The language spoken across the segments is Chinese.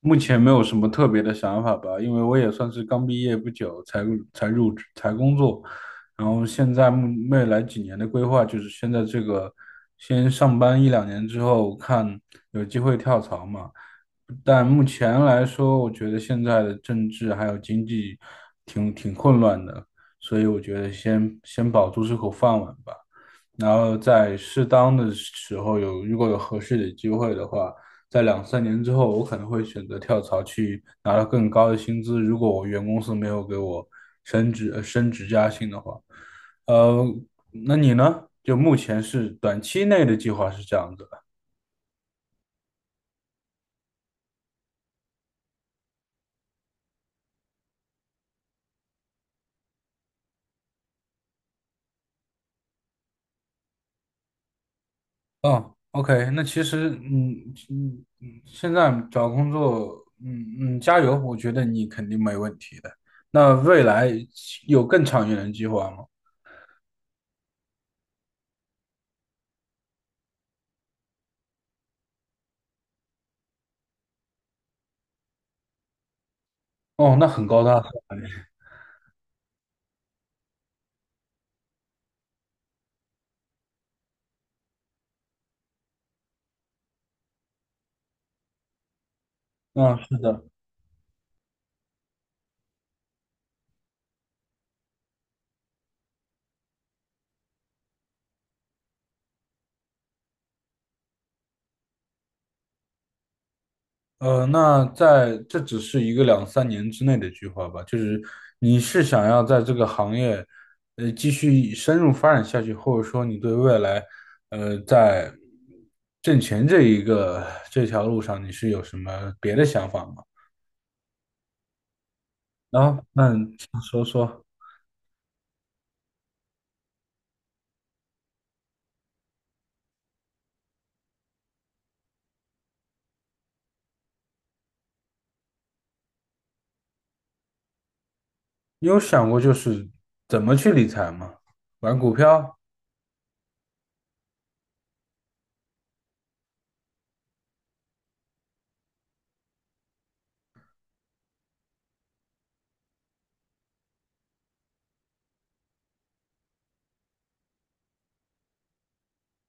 目前没有什么特别的想法吧，因为我也算是刚毕业不久才入职才工作，然后现在未来几年的规划就是先在这个先上班一两年之后看有机会跳槽嘛。但目前来说，我觉得现在的政治还有经济挺混乱的，所以我觉得先保住这口饭碗吧。然后在适当的时候有，如果有合适的机会的话，在两三年之后，我可能会选择跳槽去拿到更高的薪资。如果我原公司没有给我升职加薪的话，呃，那你呢？就目前是短期内的计划是这样子的。哦，OK，那其实，现在找工作，嗯嗯，加油，我觉得你肯定没问题的。那未来有更长远的计划吗？哦，那很高大上哎嗯，是的，那在这只是一个两三年之内的计划吧，就是你是想要在这个行业，继续深入发展下去，或者说你对未来，在挣钱这一个这条路上，你是有什么别的想法吗？然后，那你说说，你有想过就是怎么去理财吗？玩股票？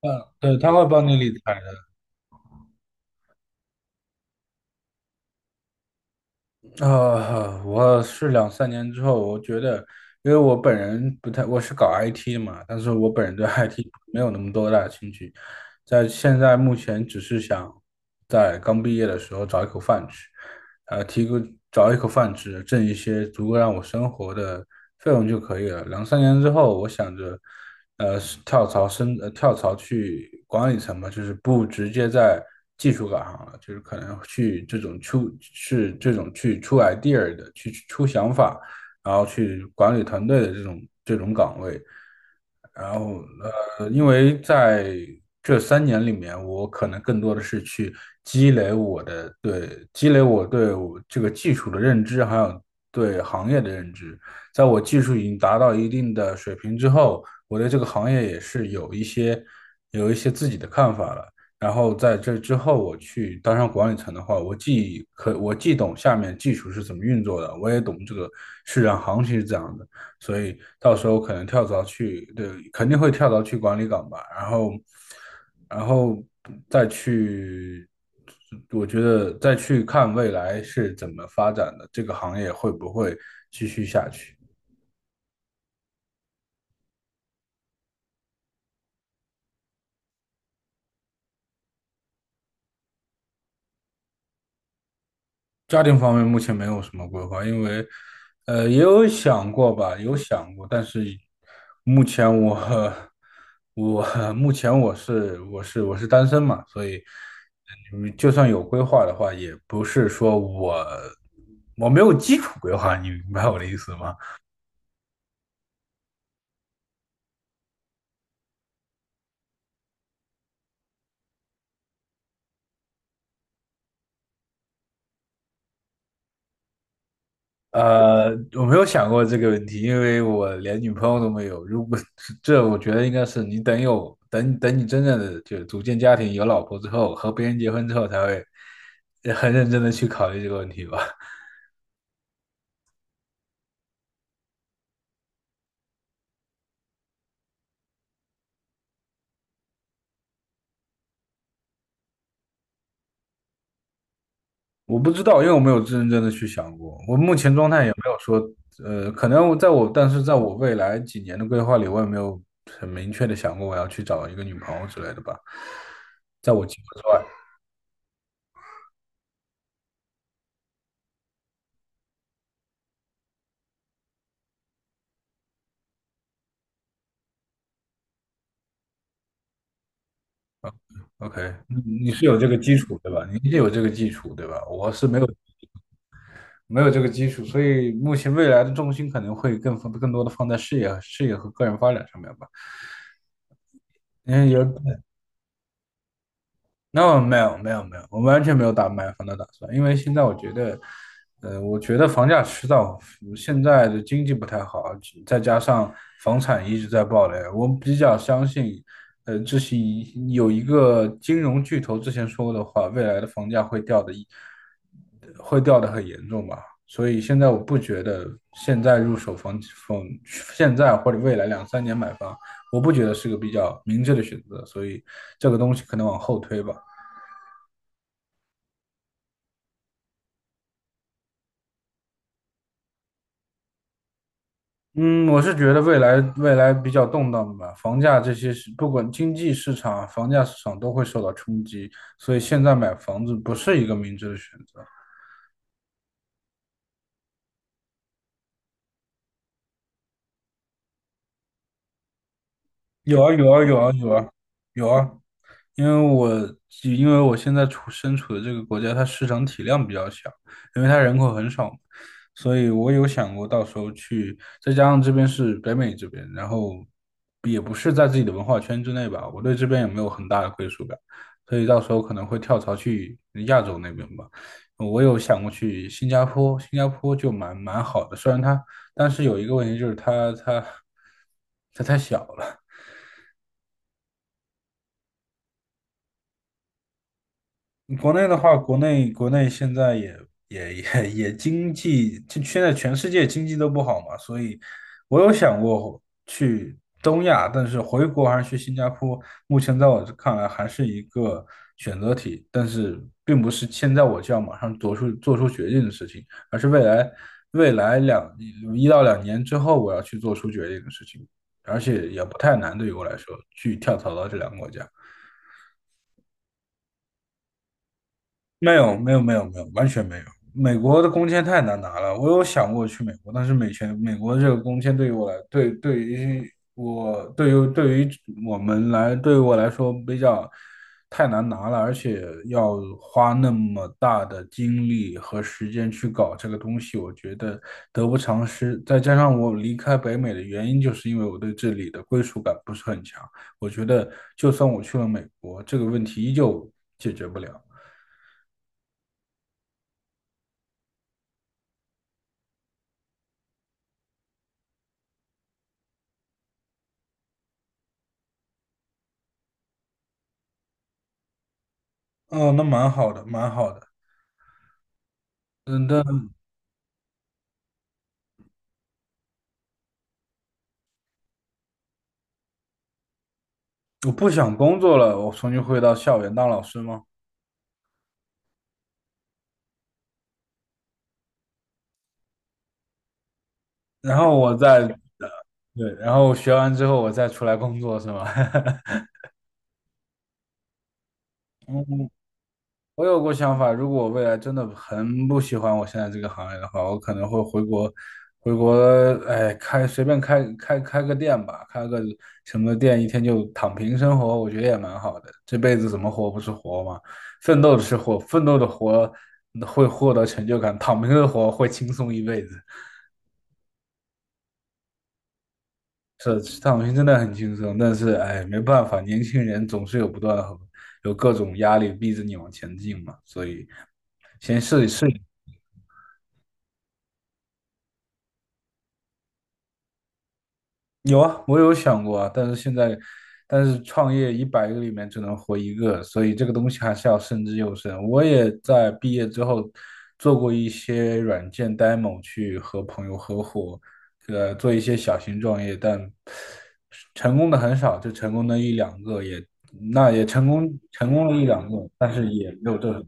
嗯，对，他会帮你理财的。我是两三年之后，我觉得，因为我本人不太，我是搞 IT 的嘛，但是我本人对 IT 没有那么多大的兴趣，在现在目前只是想在刚毕业的时候找一口饭吃，呃，提供找一口饭吃，挣一些足够让我生活的费用就可以了。两三年之后，我想着，跳槽去管理层嘛，就是不直接在技术岗上了，就是可能去这种出，是这种去出 idea 的，去出想法，然后去管理团队的这种岗位。然后因为在这三年里面，我可能更多的是去积累我对我这个技术的认知，还有对行业的认知。在我技术已经达到一定的水平之后，我对这个行业也是有一些自己的看法了。然后在这之后，我去当上管理层的话，我既懂下面技术是怎么运作的，我也懂这个市场行情是怎样的，所以到时候可能跳槽去，对，肯定会跳槽去管理岗吧，然后，然后再去，我觉得再去看未来是怎么发展的，这个行业会不会继续下去。家庭方面目前没有什么规划，因为，也有想过吧，有想过，但是目前我 我 目前我是单身嘛，所以就算有规划的话，也不是说我没有基础规划，你明白我的意思吗？呃，我没有想过这个问题，因为我连女朋友都没有。如果 这，我觉得应该是你等等你真正的就组建家庭、有老婆之后，和别人结婚之后，才会很认真的去考虑这个问题吧。我不知道，因为我没有认真的去想过。我目前状态也没有说，呃，可能我在我，但是在我未来几年的规划里，我也没有很明确的想过我要去找一个女朋友之类的吧。在我计划之外。OK，你你是有这个基础对吧？你是有这个基础对吧？我是没有这个基础，所以目前未来的重心可能会更多的放在事业和个人发展上面吧。嗯，有，no 没有没有没有，我完全没有买房的打算，因为现在我觉得，我觉得房价迟早现在的经济不太好，再加上房产一直在暴雷，我比较相信。这是有一个金融巨头之前说过的话，未来的房价会掉的，会掉的很严重吧。所以现在我不觉得现在入手房房，现在或者未来两三年买房，我不觉得是个比较明智的选择。所以这个东西可能往后推吧。嗯，我是觉得未来比较动荡吧，房价这些是不管经济市场、房价市场都会受到冲击，所以现在买房子不是一个明智的选择。有啊有啊有啊有啊有啊，因为我现在身处的这个国家，它市场体量比较小，因为它人口很少嘛，所以我有想过到时候去，再加上这边是北美这边，然后也不是在自己的文化圈之内吧，我对这边也没有很大的归属感，所以到时候可能会跳槽去亚洲那边吧。呃我有想过去新加坡，新加坡就蛮好的，虽然它，但是有一个问题就是它太小了。国内的话，国内现在也经济，就现在全世界经济都不好嘛，所以我有想过去东亚，但是回国还是去新加坡，目前在我这看来还是一个选择题，但是并不是现在我就要马上做出决定的事情，而是未来一到两年之后我要去做出决定的事情，而且也不太难，对于我来说，去跳槽到这两个国家。没有，没有，没有，没有，完全没有。美国的工签太难拿了，我有想过去美国，但是美国这个工签对于我来，对对于我对于对于我们来，对于我来说比较太难拿了，而且要花那么大的精力和时间去搞这个东西，我觉得得不偿失。再加上我离开北美的原因，就是因为我对这里的归属感不是很强。我觉得就算我去了美国，这个问题依旧解决不了。哦，那蛮好的，蛮好的。嗯，但我不想工作了，我重新回到校园当老师吗？然后我再，对，然后学完之后我再出来工作是吗？我有过想法，如果我未来真的很不喜欢我现在这个行业的话，我可能会回国，回国，哎，随便开个店吧，开个什么店，一天就躺平生活，我觉得也蛮好的。这辈子怎么活不是活嘛？奋斗是活，奋斗的活会获得成就感，躺平的活会轻松一辈子。是，躺平真的很轻松，但是哎，没办法，年轻人总是有不断的有各种压力逼着你往前进嘛，所以。有啊，我有想过啊，但是现在，但是创业一百个里面只能活一个，所以这个东西还是要慎之又慎。我也在毕业之后做过一些软件 demo，去和朋友合伙，做一些小型创业，但成功的很少，就成功的一两个也，那也成功了一两个，但是也没有做什么。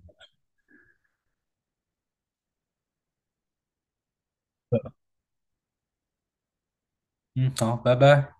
嗯，好，拜拜。